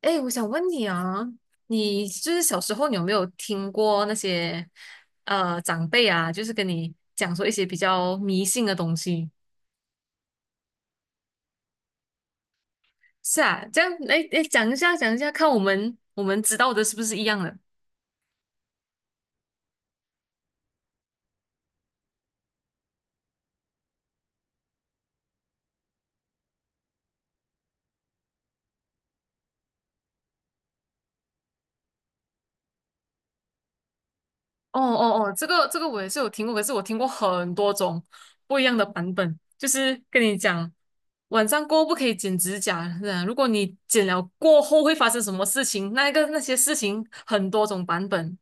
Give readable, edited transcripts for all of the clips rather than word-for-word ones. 哎，我想问你啊，你就是小时候你有没有听过那些长辈啊，就是跟你讲说一些比较迷信的东西？是啊，这样，哎哎，讲一下，讲一下，看我们知道的是不是一样的？哦哦哦，这个我也是有听过，可是我听过很多种不一样的版本。就是跟你讲，晚上过后不可以剪指甲，是啊，如果你剪了过后会发生什么事情，那些事情很多种版本，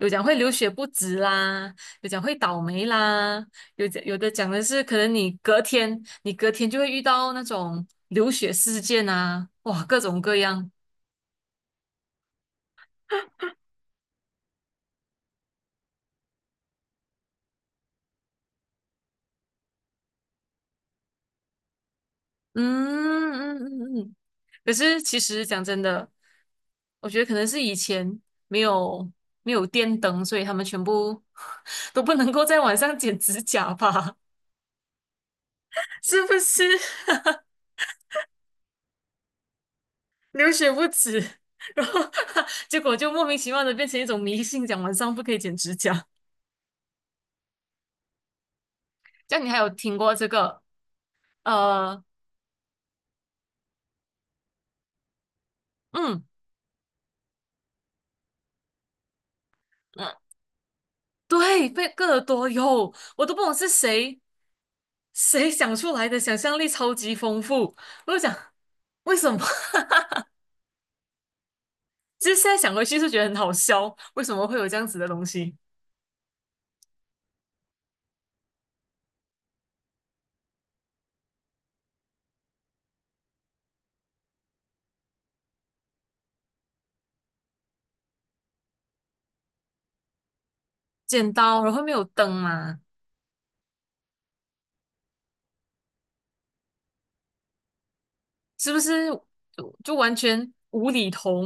有讲会流血不止啦，有讲会倒霉啦，有讲有的讲的是可能你隔天就会遇到那种流血事件啊，哇，各种各样。嗯嗯嗯嗯。可是其实讲真的，我觉得可能是以前没有没有电灯，所以他们全部 都不能够在晚上剪指甲吧？是不是 流血不止？然后 结果就莫名其妙的变成一种迷信，讲晚上不可以剪指甲。这样你还有听过这个？呃，嗯嗯，对，被克耳朵有，我都不懂是谁。谁想出来的？想象力超级丰富。我就想，为什么？其实现在想回去是觉得很好笑，为什么会有这样子的东西？剪刀，然后没有灯嘛，是不是就完全无厘头？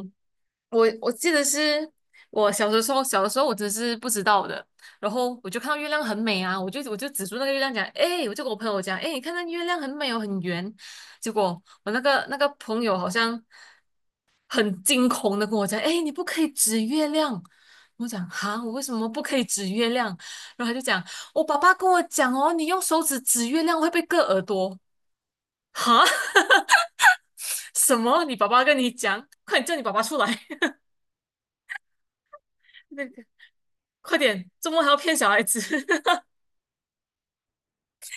我记得是我小的时候，小的时候我真是不知道的。然后我就看到月亮很美啊，我就指住那个月亮讲，哎，我就跟我朋友讲，哎，你看那月亮很美哦，很圆。结果我那个朋友好像很惊恐的跟我讲：“哎，你不可以指月亮。”我讲：“哈，我为什么不可以指月亮？”然后他就讲：“我爸爸跟我讲哦，你用手指指月亮会被割耳朵。”哈，什么？你爸爸跟你讲？快点叫你爸爸出来！那个，快点，周末还要骗小孩子？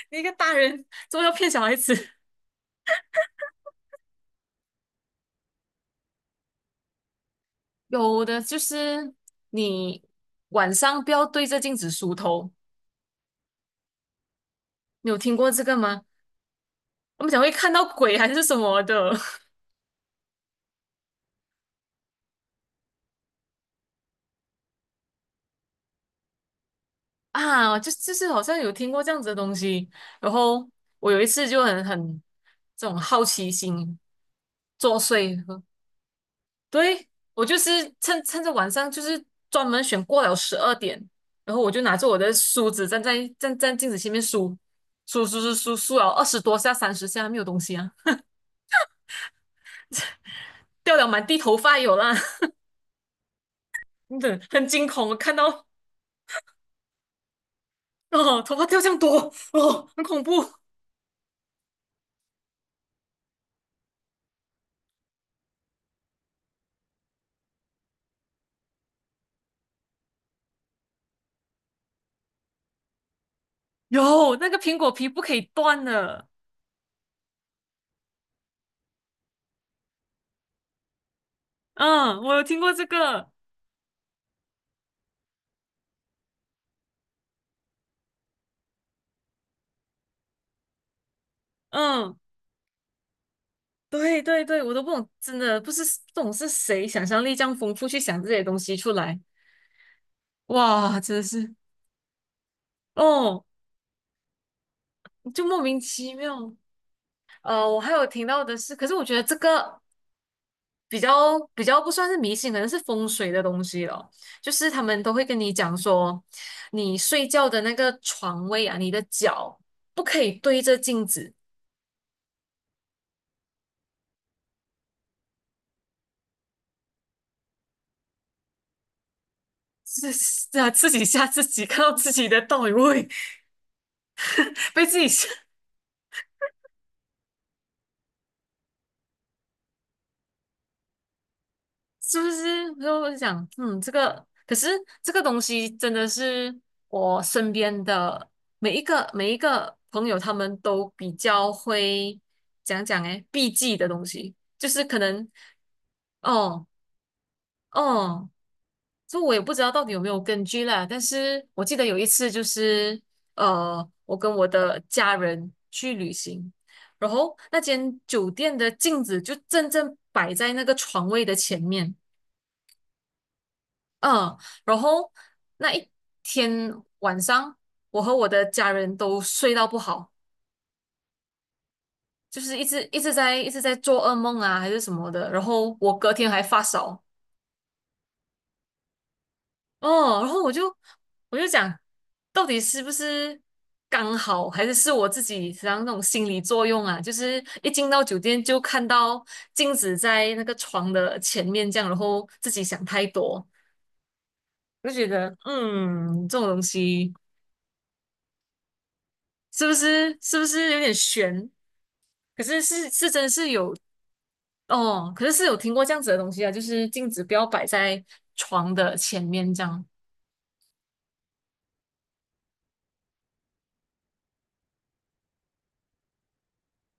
你一个大人，周末要骗小孩子？有的就是你晚上不要对着镜子梳头，你有听过这个吗？我们讲会看到鬼还是什么的。啊，是好像有听过这样子的东西。然后我有一次就这种好奇心作祟，对，我就是趁着晚上，就是专门选过了12点，然后我就拿着我的梳子站在镜子前面梳了20多下、30下，没有东西啊，掉了满地头发有啦，真的很惊恐，我看到哦头发掉这样多哦，很恐怖。有那个苹果皮不可以断的。嗯，我有听过这个，嗯，对对对，我都不懂，真的不是不懂是谁想象力这样丰富去想这些东西出来，哇，真的是，哦，就莫名其妙。我还有听到的是，可是我觉得这个比较不算是迷信，可能是风水的东西了，就是他们都会跟你讲说，你睡觉的那个床位啊，你的脚不可以对着镜子。是是啊，自己吓自己，看到自己的倒影，会被自己吓，是不是？就我就想，嗯，这个可是这个东西真的是我身边的每一个朋友，他们都比较会讲讲诶，避忌的东西，就是可能哦哦，就我也不知道到底有没有根据啦。但是我记得有一次就是我跟我的家人去旅行，然后那间酒店的镜子就正正摆在那个床位的前面。嗯，然后那一天晚上，我和我的家人都睡到不好，就是一直在做噩梦啊，还是什么的。然后我隔天还发烧，哦，然后我就讲，到底是不是刚好，还是是我自己实际上那种心理作用啊？就是一进到酒店就看到镜子在那个床的前面这样，然后自己想太多。我就觉得，嗯，这种东西是不是有点悬？可是真是有哦，可是是有听过这样子的东西啊，就是镜子不要摆在床的前面这样，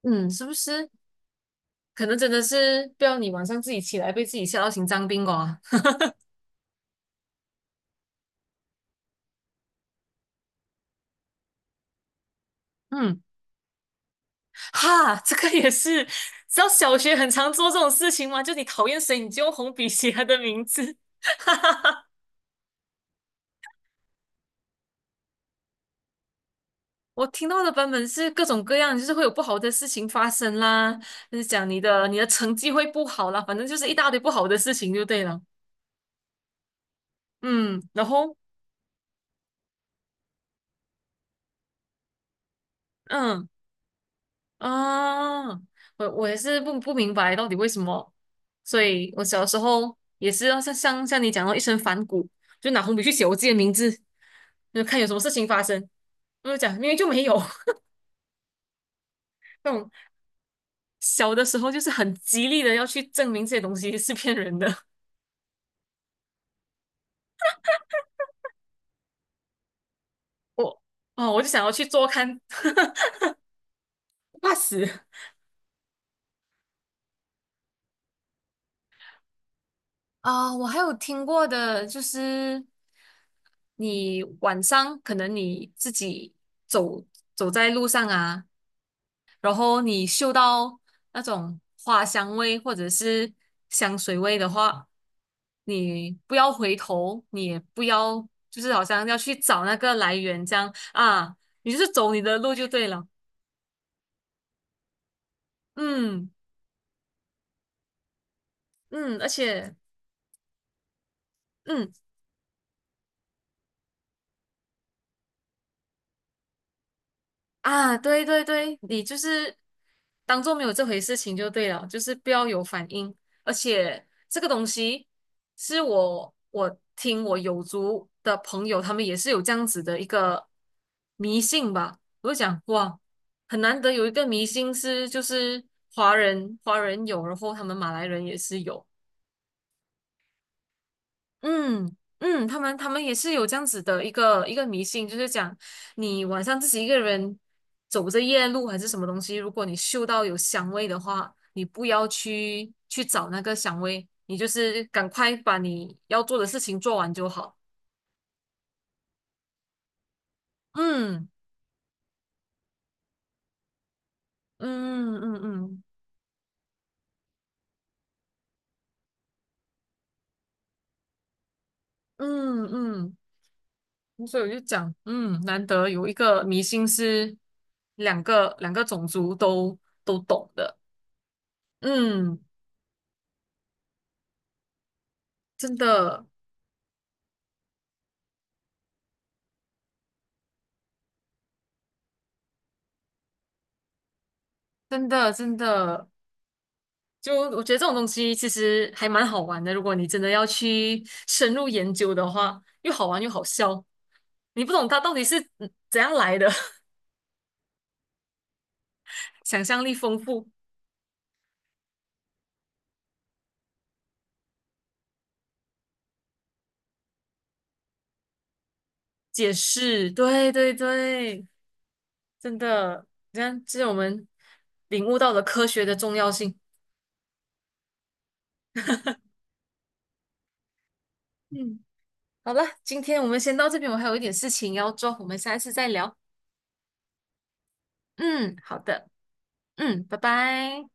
嗯，是不是？可能真的是不要你晚上自己起来被自己吓到心脏病哦啊。嗯，哈，这个也是，知道小学很常做这种事情吗？就你讨厌谁，你就用红笔写他的名字。我听到的版本是各种各样，就是会有不好的事情发生啦，就是讲你的成绩会不好啦，反正就是一大堆不好的事情就对了。嗯，然后嗯。啊，我我也是不明白到底为什么，所以我小时候也是要像你讲到一身反骨，就拿红笔去写我自己的名字，就看有什么事情发生，我就讲明明就没有 那种。小的时候就是很极力的要去证明这些东西是骗人的，我哦我就想要去做看，怕死。啊，我还有听过的，就是你晚上可能你自己走走在路上啊，然后你嗅到那种花香味或者是香水味的话，你不要回头，你也不要就是好像要去找那个来源这样啊，你就是走你的路就对了。嗯嗯，而且嗯，啊，对对对，你就是当做没有这回事情就对了，就是不要有反应。而且这个东西是我听我友族的朋友，他们也是有这样子的一个迷信吧。我就想，哇，很难得有一个迷信是就是华人有，然后他们马来人也是有。嗯嗯，他们也是有这样子的一个一个迷信，就是讲你晚上自己一个人走着夜路还是什么东西，如果你嗅到有香味的话，你不要去找那个香味，你就是赶快把你要做的事情做完就好。嗯嗯嗯嗯嗯嗯，所以我就讲，嗯，难得有一个迷信是两个种族都都懂的，嗯，真的真的真的，就我觉得这种东西其实还蛮好玩的，如果你真的要去深入研究的话，又好玩又好笑。你不懂它到底是怎样来的，想象力丰富，解释，对对对，真的，你看，这是我们领悟到了科学的重要性。嗯，好了，今天我们先到这边，我还有一点事情要做，我们下一次再聊。嗯，好的，嗯，拜拜。